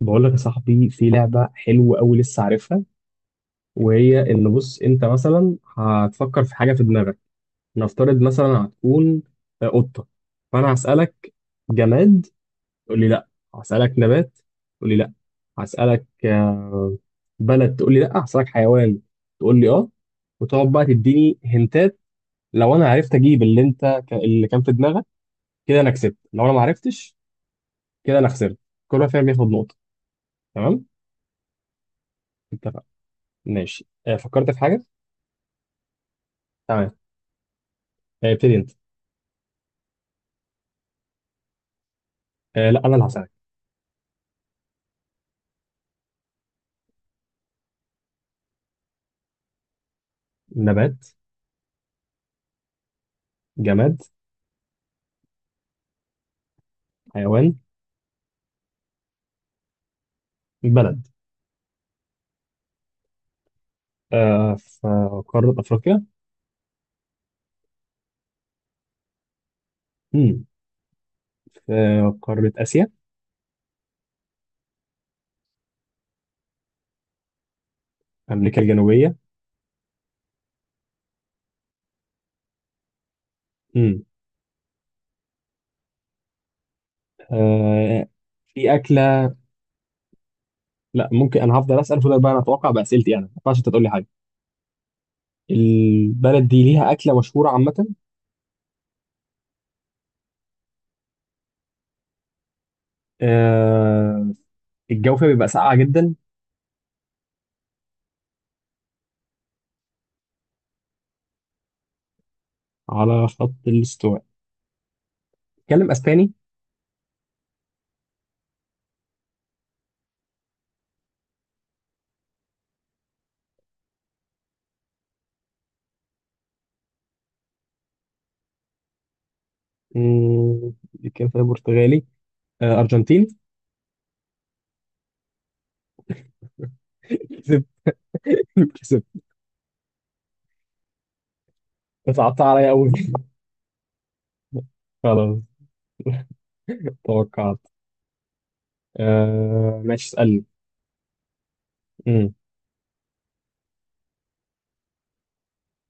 بقول لك يا صاحبي، في لعبة حلوة أوي لسه عارفها. وهي إن بص أنت مثلا هتفكر في حاجة في دماغك. نفترض مثلا هتكون قطة، فأنا هسألك جماد، تقول لي لأ. هسألك نبات، تقول لي لأ. هسألك بلد، تقول لي لأ. هسألك حيوان، تقول لي أه. وتقعد بقى تديني هنتات. لو أنا عرفت أجيب اللي أنت اللي كان في دماغك، كده أنا كسبت. لو أنا ما عرفتش، كده أنا خسرت. كل واحد فينا بياخد نقطة، تمام؟ اتفقنا. ماشي، فكرت في حاجة. تمام. ابتدي انت. آه لا، انا اللي هسألك. نبات؟ جماد؟ حيوان؟ بلد؟ آه، في قارة افريقيا؟ مم. في قارة اسيا؟ امريكا الجنوبية؟ مم. آه، في اكلة؟ لا ممكن، انا هفضل اسأل، فضل بقى انا اتوقع بأسئلتي، انا ما ينفعش انت تقول لي حاجة. البلد دي ليها اكلة مشهورة عامة؟ آه. الجو فيها بيبقى ساقعة جدا؟ على خط الاستواء. بيتكلم اسباني؟ بيتكلم برتغالي؟ آه، ارجنتيني. كسبت. كسبت. صعبت عليا قوي. خلاص، توقعت. آه ماشي، اسألني. مم.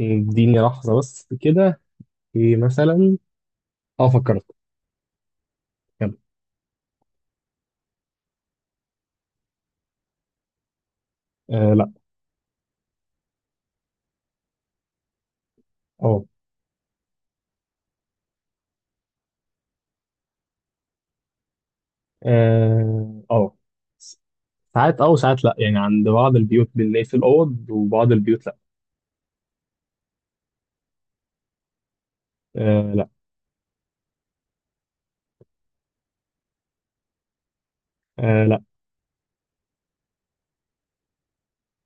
اديني لحظة بس كده. في مثلا، اه فكرت، يلا. آه لا. اه اه آه. س- ساعات اه وساعات لا، يعني عند بعض البيوت بنلاقي في الأوض وبعض البيوت لا. آه لا. آه لا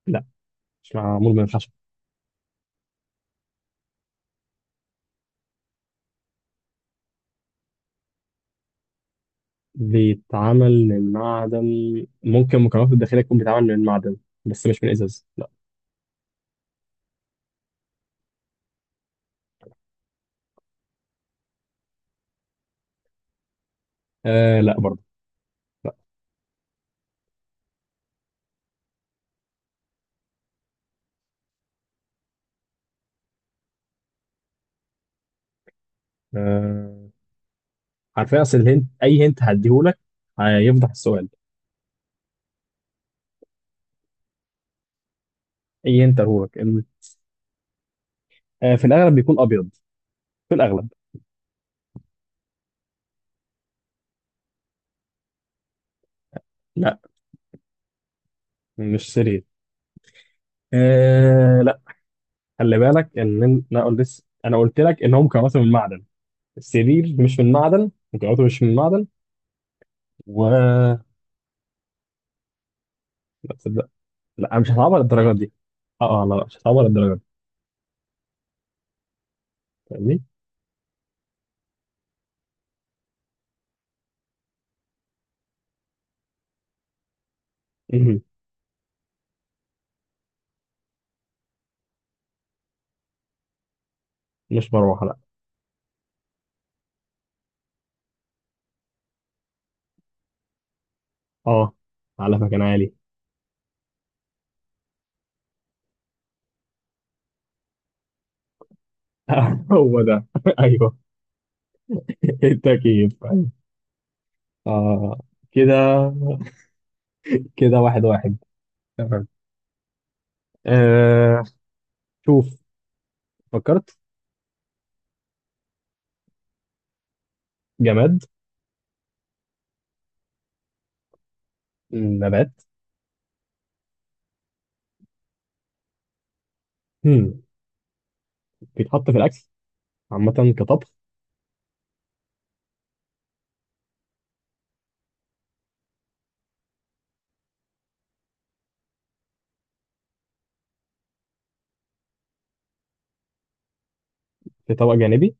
لا مش معمول من الخشب. بيتعمل من معدن، ممكن مكوناته الداخلية تكون بيتعمل من معدن، بس مش من إزاز لا. آه لا برضه. لا. آه، عارفين اصل الهنت، اي هنت هديهولك هيفضح السؤال. اي هنت هديهولك آه، في الاغلب بيكون ابيض، في الاغلب. لا، مش سرير. آه لا. خلي بالك ان، انا قلت لك ان هو مكوناته من معدن. السرير مش من معدن، مكوناته مش من معدن. و لا تصدق، لا مش هصعبها للدرجه دي. اه لا، مش هصعبها للدرجه دي، فاهمني. مهم. مش مروحه لا. اه، على مكان عالي. هو ده ايوه، التكييف أيوة. اه كده. كده واحد واحد، تمام. آه شوف، فكرت. جماد. نبات. هم. بيتحط في الأكل عامة كطبخ. في طبق جانبي.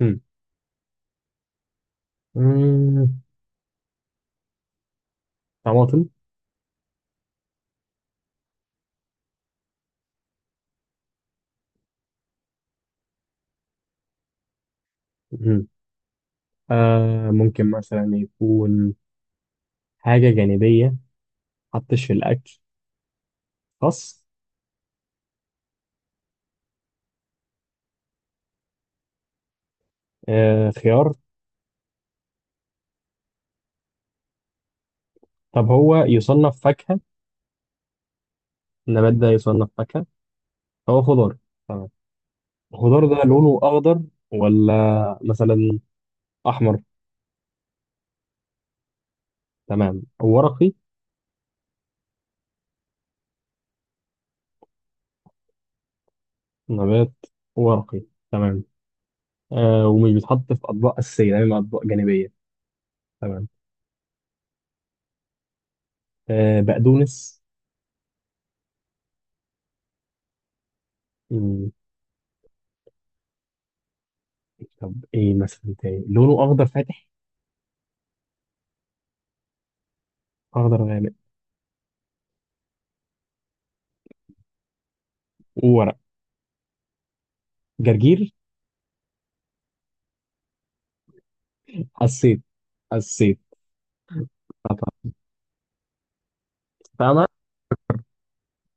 هم. مم، طماطم. هم. آه ممكن مثلا يكون حاجة جانبية، حطش في الأكل. خس. آه خيار. طب هو يصنف فاكهة؟ النبات ده يصنف فاكهة؟ هو خضار، تمام. الخضار ده لونه أخضر ولا مثلا أحمر؟ تمام، ورقي. نبات ورقي، تمام. آه، ومش بيتحط في اطباق اساسيه دايما، اطباق جانبيه، تمام. آه، بقدونس. مم. طب ايه مثلا تاني لونه اخضر فاتح؟ اخضر غامق وورق. جرجير. حسيت. حسيت. قطعت. فاهمه.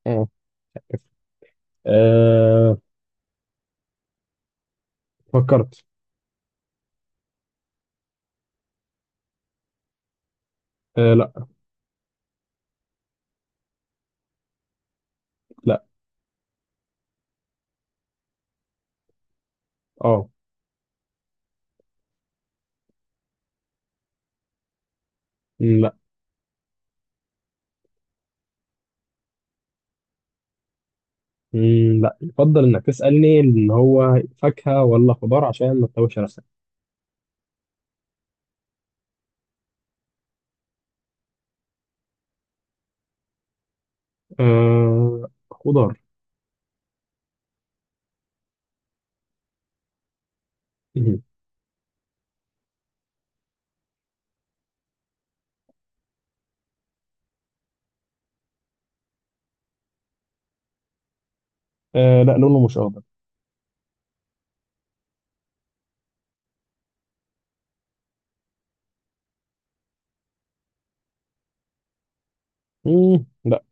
اه. آه، فكرت. آه لا. لا. اه. مم، لا. مم، لا يفضل انك تسالني ان هو فاكهه ولا خضار عشان ما تتوهش نفسك. آه خضار. مم. آه لا لونه مش اخضر. مم، لا.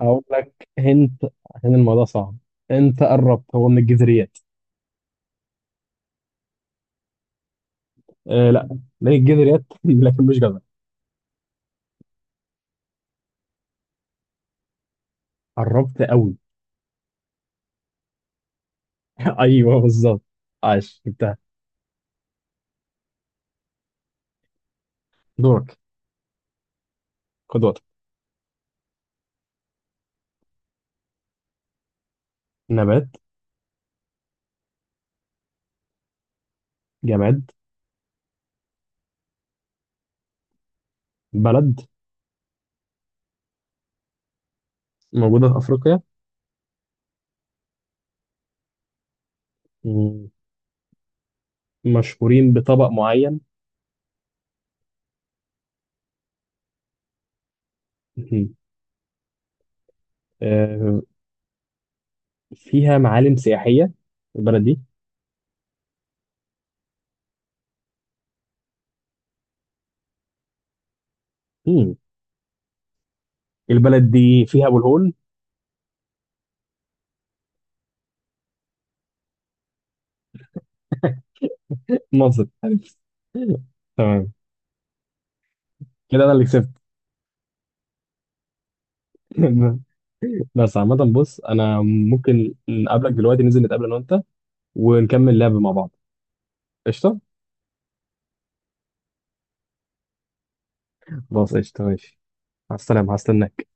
هقول لك هنت، عشان الموضوع صعب، انت قربت، هو من الجذريات. آه لا من الجذريات لكن مش جزر. قربت قوي. ايوه بالظبط، عاش جبتها. دورك. خد وقتك. نبات. جماد. بلد. موجودة في أفريقيا؟ مم. مشهورين بطبق معين؟ مم. آه، فيها معالم سياحية البلد دي؟ مم. البلد دي فيها أبو الهول. مصر. تمام، كده أنا اللي كسبت. بس عامة بص، أنا ممكن نقابلك دلوقتي، ننزل نتقابل أنا وأنت ونكمل لعب مع بعض. قشطة؟ خلاص قشطة، ماشي، مع السلامة، هستناك.